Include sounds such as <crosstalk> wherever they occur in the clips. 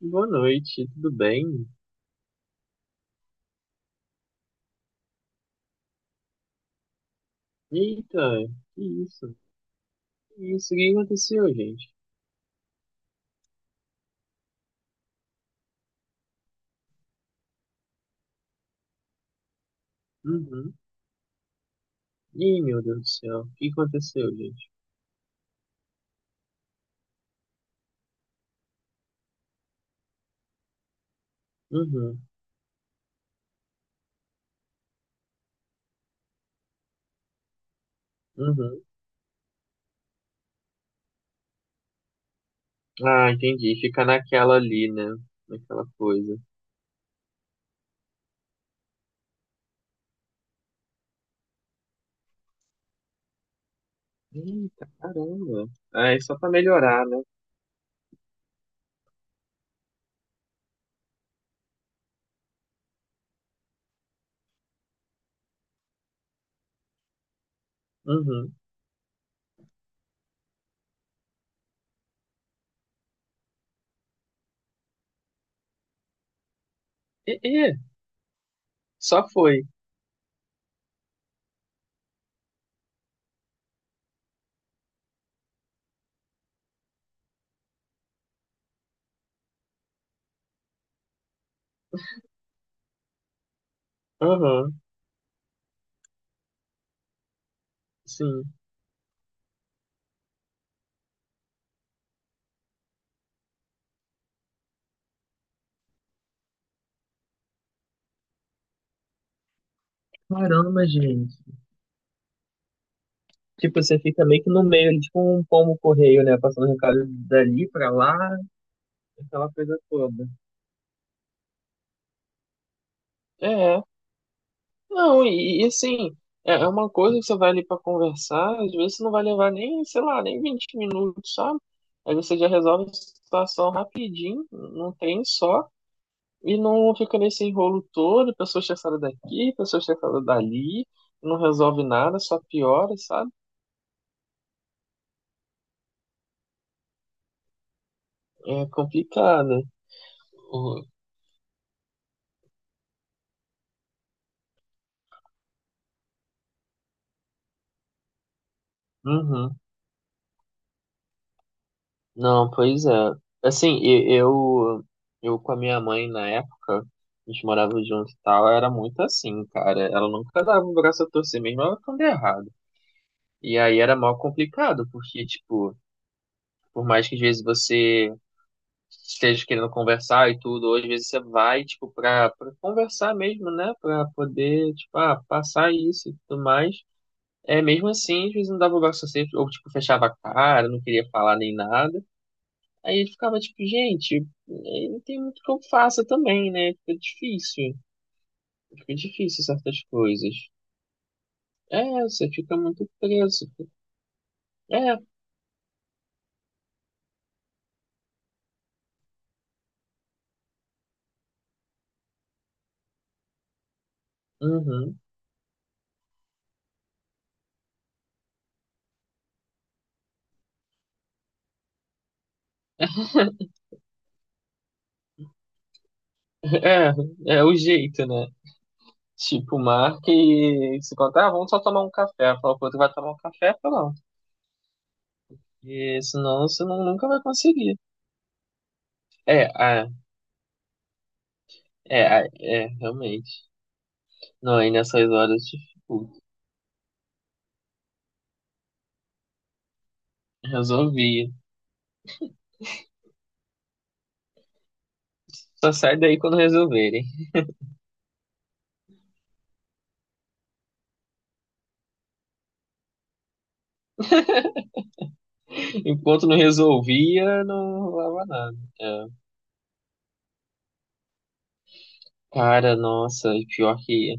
Boa noite, tudo bem? Eita, que isso? Que isso? O que aconteceu, gente? Uhum. Ih, meu Deus do céu, o que aconteceu, gente? Uhum, uhum. Ah, entendi. Fica naquela ali, né? Naquela coisa. Eita, caramba. Ah, é só pra melhorar, né? Uhum. E, e, só foi. Aham, sim. Caramba, gente. Tipo, você fica meio que no meio, ali, tipo um pombo correio, né? Passando recado dali pra lá, aquela coisa toda. É, não, e assim, é uma coisa que você vai ali pra conversar, às vezes você não vai levar nem, sei lá, nem 20 minutos, sabe? Aí você já resolve a situação rapidinho, num trem só, e não fica nesse enrolo todo, pessoa estressada daqui, pessoa estressada dali, não resolve nada, só piora, sabe? É complicado. Uhum. Não, pois é. Assim, eu com a minha mãe na época, a gente morava junto e tal, era muito assim, cara. Ela nunca dava o braço a torcer, mesmo ela quando é errado. E aí era mal complicado, porque, tipo, por mais que às vezes você esteja querendo conversar e tudo, ou às vezes você vai, tipo, pra conversar mesmo, né? Pra poder, tipo, ah, passar isso e tudo mais. É, mesmo assim, às vezes não dava o braço a torcer, ou, tipo, fechava a cara, não queria falar nem nada. Aí ele ficava tipo, gente, não tem muito que eu faça também, né? Fica difícil. Fica difícil certas coisas. É, você fica muito preso. É, uhum. <laughs> É, é o jeito, né? Tipo, marca e se contar, ah, vamos só tomar um café. Fala pro outro, vai tomar um café? Pronto. E senão você nunca vai conseguir. É, ah, é, realmente. Não, aí nessas horas, tipo, resolvi. Só sai daí quando resolverem. Enquanto não resolvia, não rolava nada. É. Cara, nossa, e pior que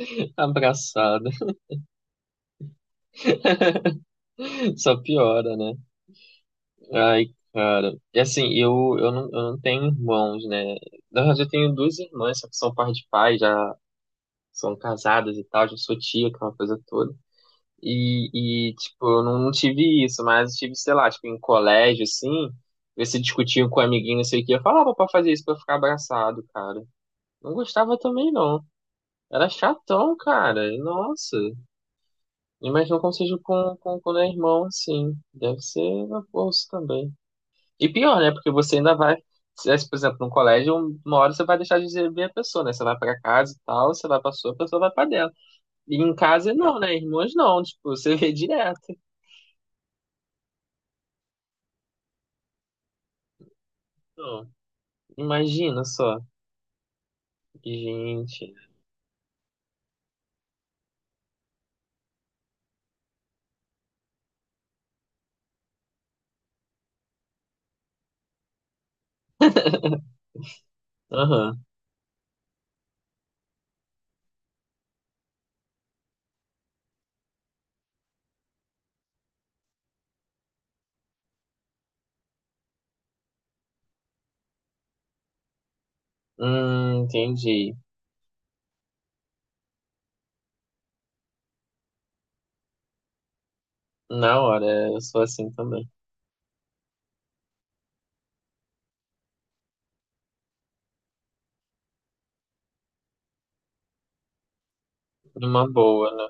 <laughs> abraçada. <laughs> Só piora, né? Ai, cara. E assim, eu não tenho irmãos, né? Na verdade, eu tenho duas irmãs, só que são par de pai, já são casadas e tal, já sou tia, aquela coisa toda. E tipo, eu não, não tive isso, mas tive, sei lá, tipo, em colégio, assim, você discutiam com um amiguinho, não sei o que, eu falava pra fazer isso pra ficar abraçado, cara. Não gostava também, não. Era chatão, cara. Nossa. Imagino como seja quando é irmão, assim. Deve ser na bolsa também. E pior, né? Porque você ainda vai. Se é, por exemplo, num colégio, uma hora você vai deixar de ver a pessoa, né? Você vai pra casa e tal, você vai pra sua, a pessoa vai pra dela. E em casa não, né? Irmãos não. Tipo, você vê direto. Então, imagina só. Gente. <laughs> Aham. Entendi. Na hora, eu sou assim também. Numa boa, né?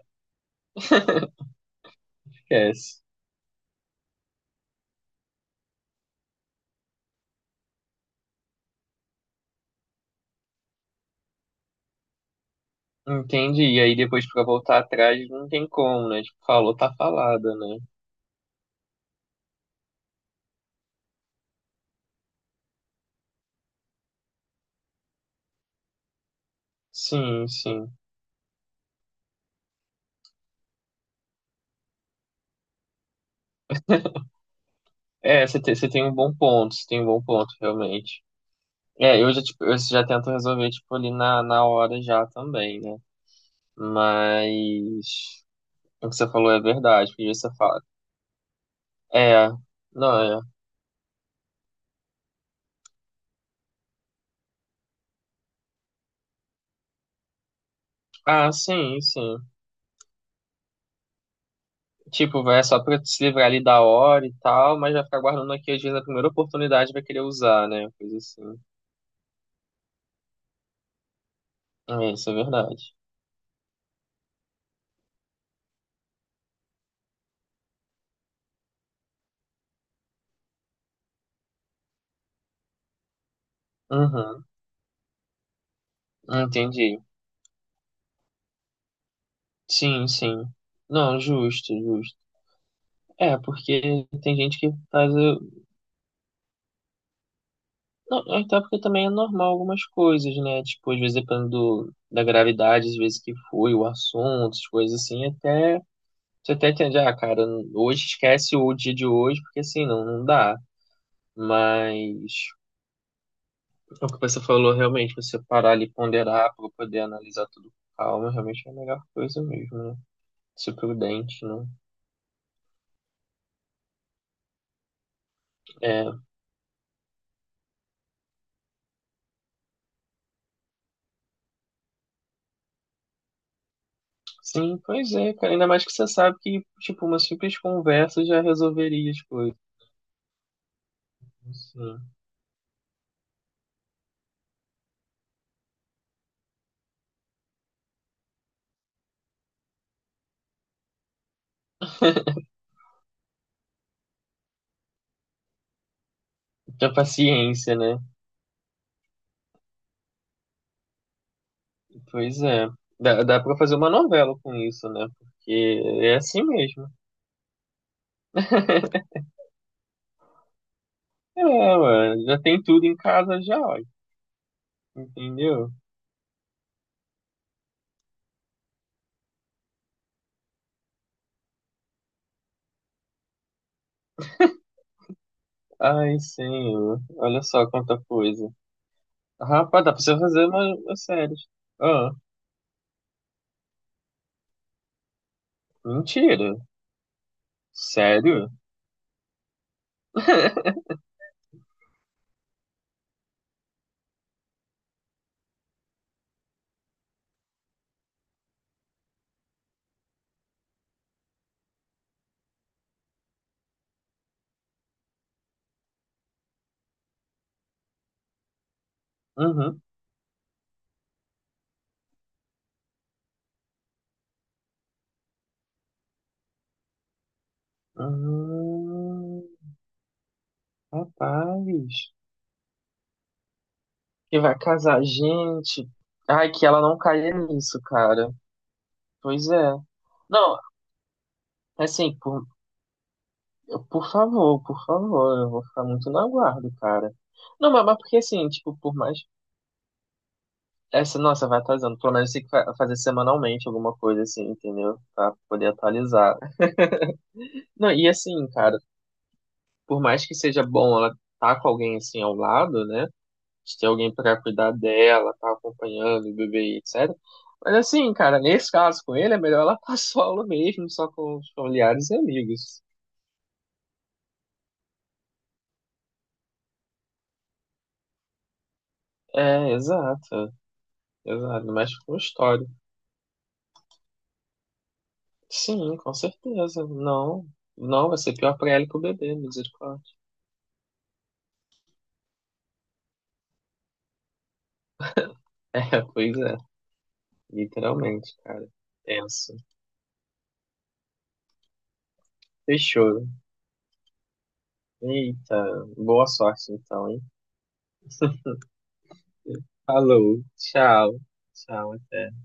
<laughs> Esquece. Entendi. E aí depois pra voltar atrás não tem como, né? Tipo, falou, tá falada, né? Sim, sim. É, você tem um bom ponto, você tem um bom ponto, realmente. É, eu já, tipo, eu já tento resolver, tipo, ali na hora já também, né? Mas o que você falou é verdade, porque você fala. É, não é. Ah, sim, sim. Tipo, vai só pra se livrar ali da hora e tal, mas vai ficar guardando aqui, às vezes, a primeira oportunidade vai querer usar, né? Coisa assim. É, isso é verdade. Uhum. Entendi. Sim, sim. Não, justo, justo. É, porque tem gente que faz. Não, até porque também é normal algumas coisas, né? Tipo, às vezes dependendo da gravidade, às vezes que foi o assunto, as coisas assim, até. Você até entende, ah, cara, hoje esquece o dia de hoje, porque assim, não, não dá. Mas é o que você falou, realmente, você parar ali, e ponderar para poder analisar tudo com calma, realmente é a melhor coisa mesmo, né? Ser prudente, né? É, sim, pois é, cara. Ainda mais que você sabe que, tipo, uma simples conversa já resolveria as coisas. Sim. Tinha paciência, né? Pois é. Dá pra fazer uma novela com isso, né? Porque é assim mesmo. <laughs> É, mano. Já tem tudo em casa já, ó. Entendeu? Ai, senhor. Olha só quanta coisa. Rapaz, dá pra você fazer uma série. Ah, mentira. Sério? <laughs> Uhum. Hum, rapaz. Que vai casar. Gente, ai, que ela não caia nisso, cara. Pois é. Não, assim, por favor, eu vou ficar muito no aguardo, cara. Não, mas porque assim, tipo, por mais. Essa, nossa, vai atualizando. Pelo menos tem que fazer semanalmente alguma coisa, assim, entendeu? Pra poder atualizar. Não, e assim, cara, por mais que seja bom ela tá com alguém assim ao lado, né? De ter alguém para cuidar dela, tá acompanhando o bebê, etc. Mas assim, cara, nesse caso com ele, é melhor ela <laughs> passar aula mesmo, só com os familiares e amigos. É, exato, exato, não mexe com história. Sim, com certeza. Não, não, vai ser pior pra ela e pro bebê, misericórdia. <laughs> É, pois é, literalmente, cara. Tenso. Fechou. Eita, boa sorte então, hein? Falou, tchau, tchau, até.